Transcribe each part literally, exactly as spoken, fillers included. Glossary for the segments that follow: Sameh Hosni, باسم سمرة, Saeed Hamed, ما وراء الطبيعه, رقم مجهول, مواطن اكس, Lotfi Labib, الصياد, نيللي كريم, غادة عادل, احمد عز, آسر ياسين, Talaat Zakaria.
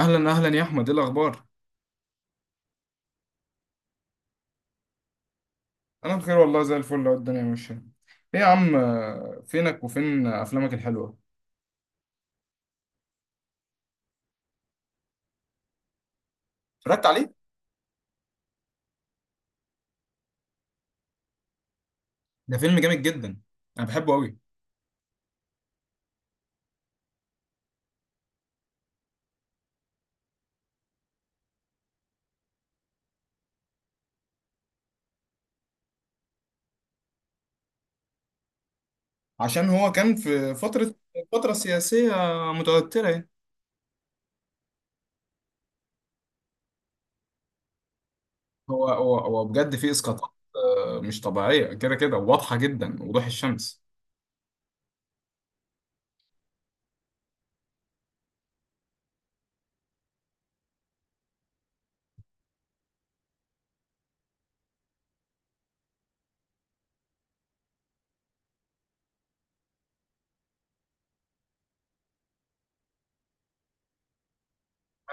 اهلا اهلا يا احمد، ايه الاخبار؟ انا بخير والله، زي الفل لو الدنيا ماشيه. ايه يا عم، آه، فينك وفين افلامك الحلوه؟ اتفرجت عليه. ده فيلم جامد جدا، انا بحبه قوي. عشان هو كان في فتره، فتره سياسيه متوتره يعني. هو هو هو بجد فيه اسقاطات آه، مش طبيعيه، كده كده واضحه جدا وضوح الشمس.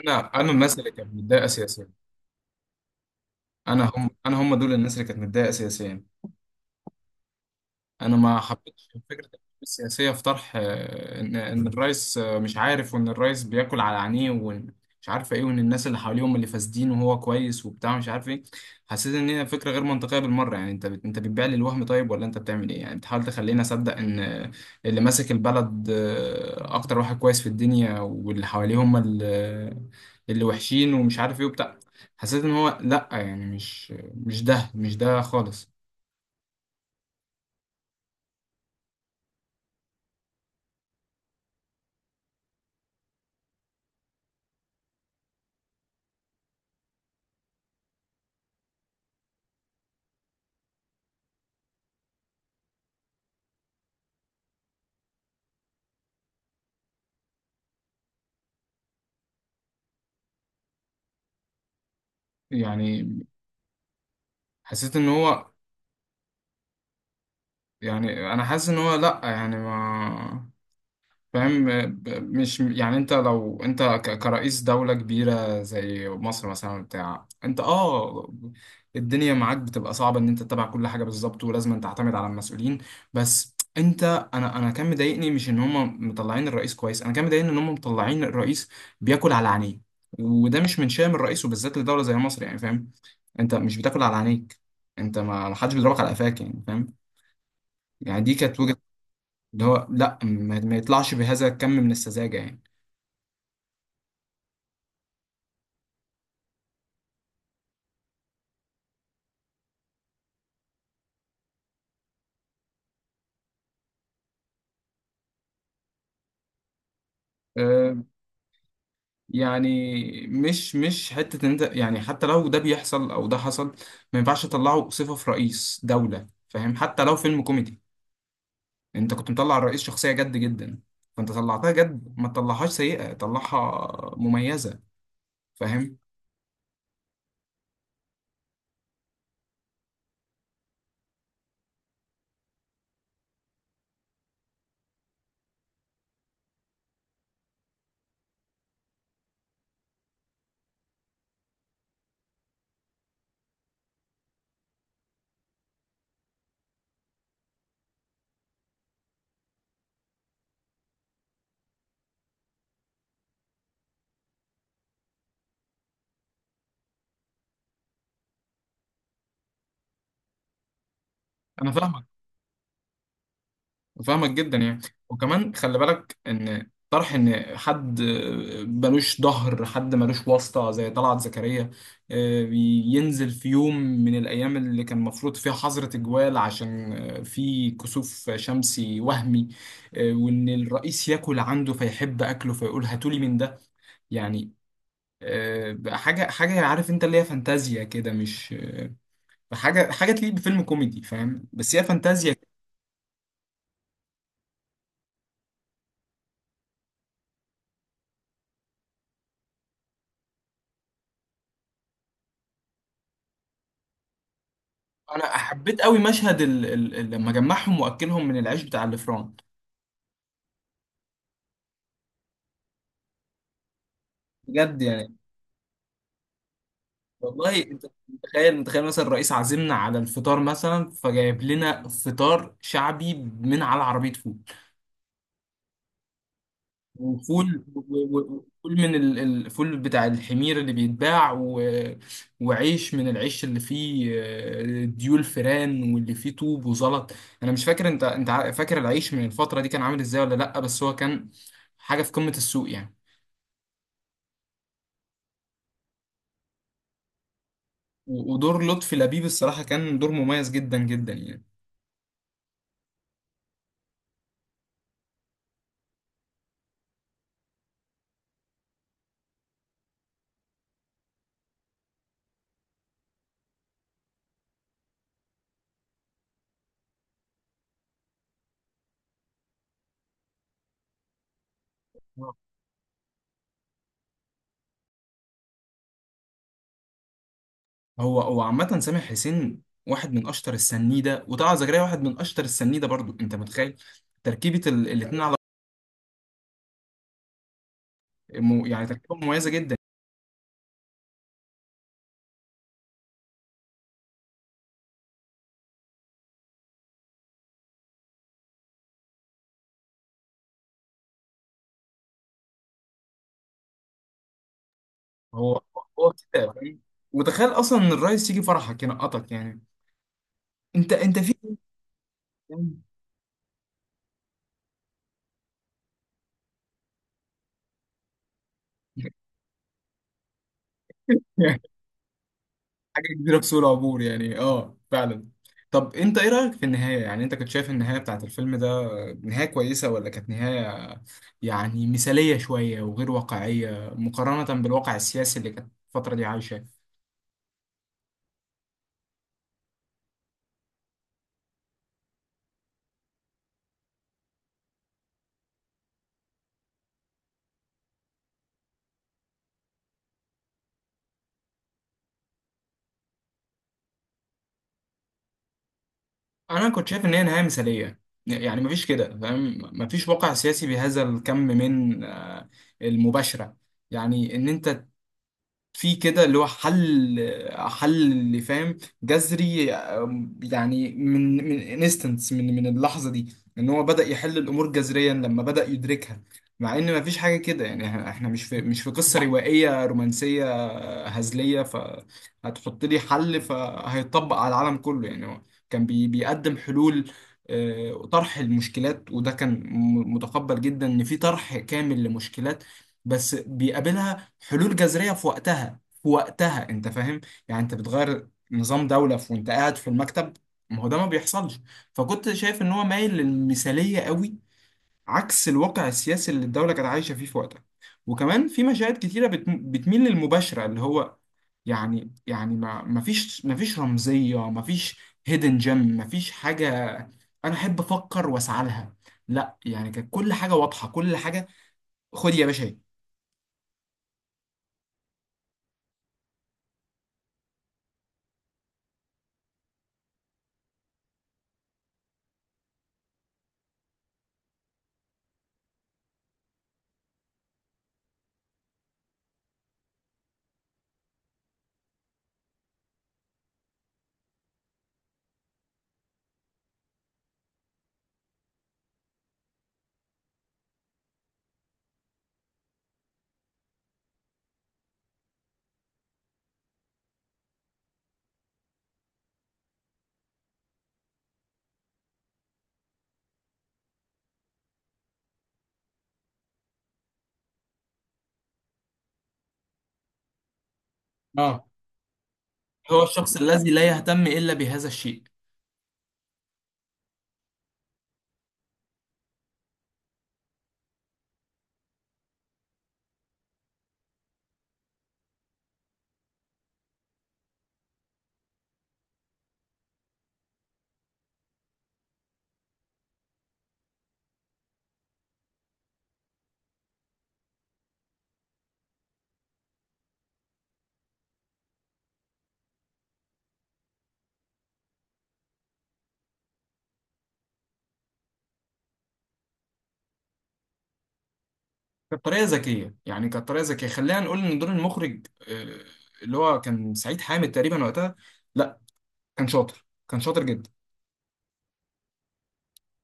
انا انا الناس اللي كانت متضايقه سياسيا، انا هم انا هم دول الناس اللي كانت متضايقه سياسيا. انا ما حبيتش فكره الأحزاب السياسيه في طرح آه، ان ان الرئيس، آه، مش عارف، وان الرئيس بياكل على عينيه، وان مش عارف ايه، وان الناس اللي حواليه هم اللي فاسدين وهو كويس وبتاع مش عارف ايه. حسيت ان هي فكره غير منطقيه بالمره. يعني انت بت- انت بتبيع لي الوهم، طيب ولا انت بتعمل ايه؟ يعني بتحاول تخليني اصدق ان آه، اللي ماسك البلد آه، اكتر واحد كويس في الدنيا، واللي حواليه هم اللي اللي وحشين ومش عارف ايه وبتاع. حسيت ان هو لا، يعني مش مش ده، مش ده خالص. يعني حسيت ان هو، يعني انا حاسس ان هو لا، يعني ما فاهم. ب- مش يعني، انت لو انت ك- كرئيس دولة كبيرة زي مصر مثلا، بتاع انت اه، الدنيا معاك بتبقى صعبة ان انت تتابع كل حاجة بالظبط، ولازم تعتمد على المسؤولين. بس انت، انا انا كان مضايقني، مش ان هم مطلعين الرئيس كويس، انا كان مضايقني ان هم مطلعين الرئيس بياكل على عينيه، وده مش من شأن الرئيس وبالذات لدولة زي مصر. يعني فاهم؟ انت مش بتاكل على عينيك، انت، ما ما حدش بيضربك على قفاك. يعني فاهم؟ يعني دي كانت وجهة، اللي هو لا، ما ما يطلعش بهذا الكم من السذاجة يعني. أه، يعني مش مش حتة ان انت، يعني حتى لو ده بيحصل او ده حصل، ما ينفعش تطلعه صفة في رئيس دولة، فاهم؟ حتى لو فيلم كوميدي، انت كنت مطلع الرئيس شخصية جد جدا، فانت طلعتها جد، ما تطلعهاش سيئة، طلعها مميزة. فاهم؟ انا فاهمك، فاهمك جدا يعني. وكمان خلي بالك ان طرح ان حد ملوش ظهر، حد ملوش واسطة زي طلعت زكريا، آه، ينزل في يوم من الأيام اللي كان المفروض فيها حظر تجوال، عشان آه، في كسوف شمسي وهمي، آه، وإن الرئيس ياكل عنده فيحب أكله، فيقول هاتولي من ده. يعني آه، بقى حاجة حاجة عارف أنت اللي هي فانتازيا كده، مش آه، حاجة حاجة تليق بفيلم كوميدي، فاهم؟ بس هي فانتازيا. انا حبيت قوي مشهد ال... ال... لما جمعهم واكلهم من العيش بتاع الفران، بجد يعني. والله انت متخيل متخيل مثلا الرئيس عازمنا على الفطار، مثلا فجايب لنا فطار شعبي من على عربية فول، وفول و- و- وفول من ال- الفول بتاع الحمير اللي بيتباع، و... وعيش من العيش اللي فيه آه، ديول فران، واللي فيه طوب وزلط. انا مش فاكر، انت انت عا- فاكر العيش من الفترة دي كان عامل ازاي ولا لا؟ بس هو كان حاجة في قمة السوق يعني. و- ودور لطفي لبيب الصراحة كان دور مميز جدا جدا يعني. آه. هو هو عامة سامح حسين واحد من أشطر السنيدة، وطلعت زكريا واحد من أشطر السنيدة برضو. أنت متخيل تركيبة ال- الاتنين على، مو- يعني تركيبة مميزة جدا. هو هو كده فاهم؟ وتخيل أصلا إن الرئيس يجي فرحك ينقطك يعني، أنت أنت في... حاجه كبيره في سوق العبور، يعني اه فعلا. طب انت ايه رايك في النهايه؟ يعني انت كنت شايف النهايه بتاعت الفيلم ده نهايه كويسه، ولا كانت نهايه يعني مثاليه شويه وغير واقعيه مقارنه بالواقع السياسي اللي كانت الفتره دي عايشه؟ انا كنت شايف ان هي نهايه مثاليه، يعني مفيش كده فاهم، مفيش واقع سياسي بهذا الكم من آه، المباشره. يعني ان انت في كده اللي هو حل حل اللي فاهم جذري، أم، يعني من من انستنس، من من اللحظه دي ان هو بدأ يحل الامور جذريا لما بدأ يدركها، مع ان مفيش حاجه كده يعني. إح- احنا مش في مش في قصه روائيه رومانسيه هزليه فهتحط لي حل فهيطبق على العالم كله. يعني هو كان بي بيقدم حلول، آه، وطرح المشكلات، وده كان م- متقبل جدا ان في طرح كامل لمشكلات، بس بيقابلها حلول جذرية في وقتها، في وقتها انت فاهم؟ يعني انت بتغير نظام دولة في وانت قاعد في المكتب، ما هو ده ما بيحصلش. فكنت شايف ان هو مايل للمثالية قوي، عكس الواقع السياسي اللي الدولة كانت عايشة فيه في وقتها. وكمان في مشاهد كتيرة بتم- بتميل للمباشرة، اللي هو يعني، يعني ما ما فيش ما فيش رمزية، ما فيش هيدن جيم، ما فيش حاجة انا احب افكر واسعى لها. لا، يعني كانت كل حاجة واضحة، كل حاجة خد يا باشا. اهي. هو الشخص الذي لا يهتم إلا بهذا الشيء. كانت طريقة ذكية، يعني كانت طريقة ذكية. خلينا نقول إن دور المخرج، آه، اللي هو كان سعيد حامد تقريبا وقتها، لا، كان شاطر، كان شاطر جدا.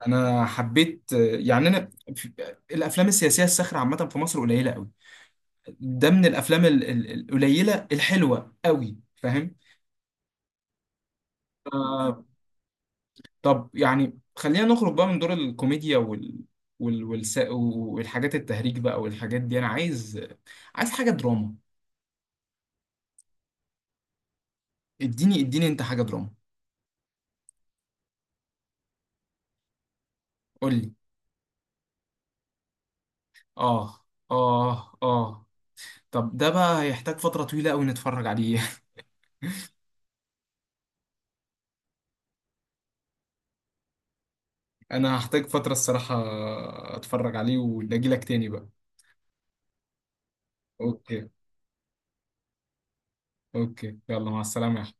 أنا حبيت آه، يعني أنا في- آه، الأفلام السياسية الساخرة عامة في مصر قليلة قوي، ده من الأفلام ال- ال- القليلة الحلوة قوي، فاهم؟ آه، طب يعني خلينا نخرج بقى من دور الكوميديا وال وال- والس- والحاجات التهريج بقى والحاجات دي. أنا عايز عايز حاجة دراما. اديني اديني انت حاجة دراما، قول لي. اه، اه، اه. طب ده بقى هيحتاج فترة طويلة قوي نتفرج عليه. انا هحتاج فترة الصراحة، اتفرج عليه واجي لك تاني بقى. اوكي. اوكي، يلا مع السلامة يا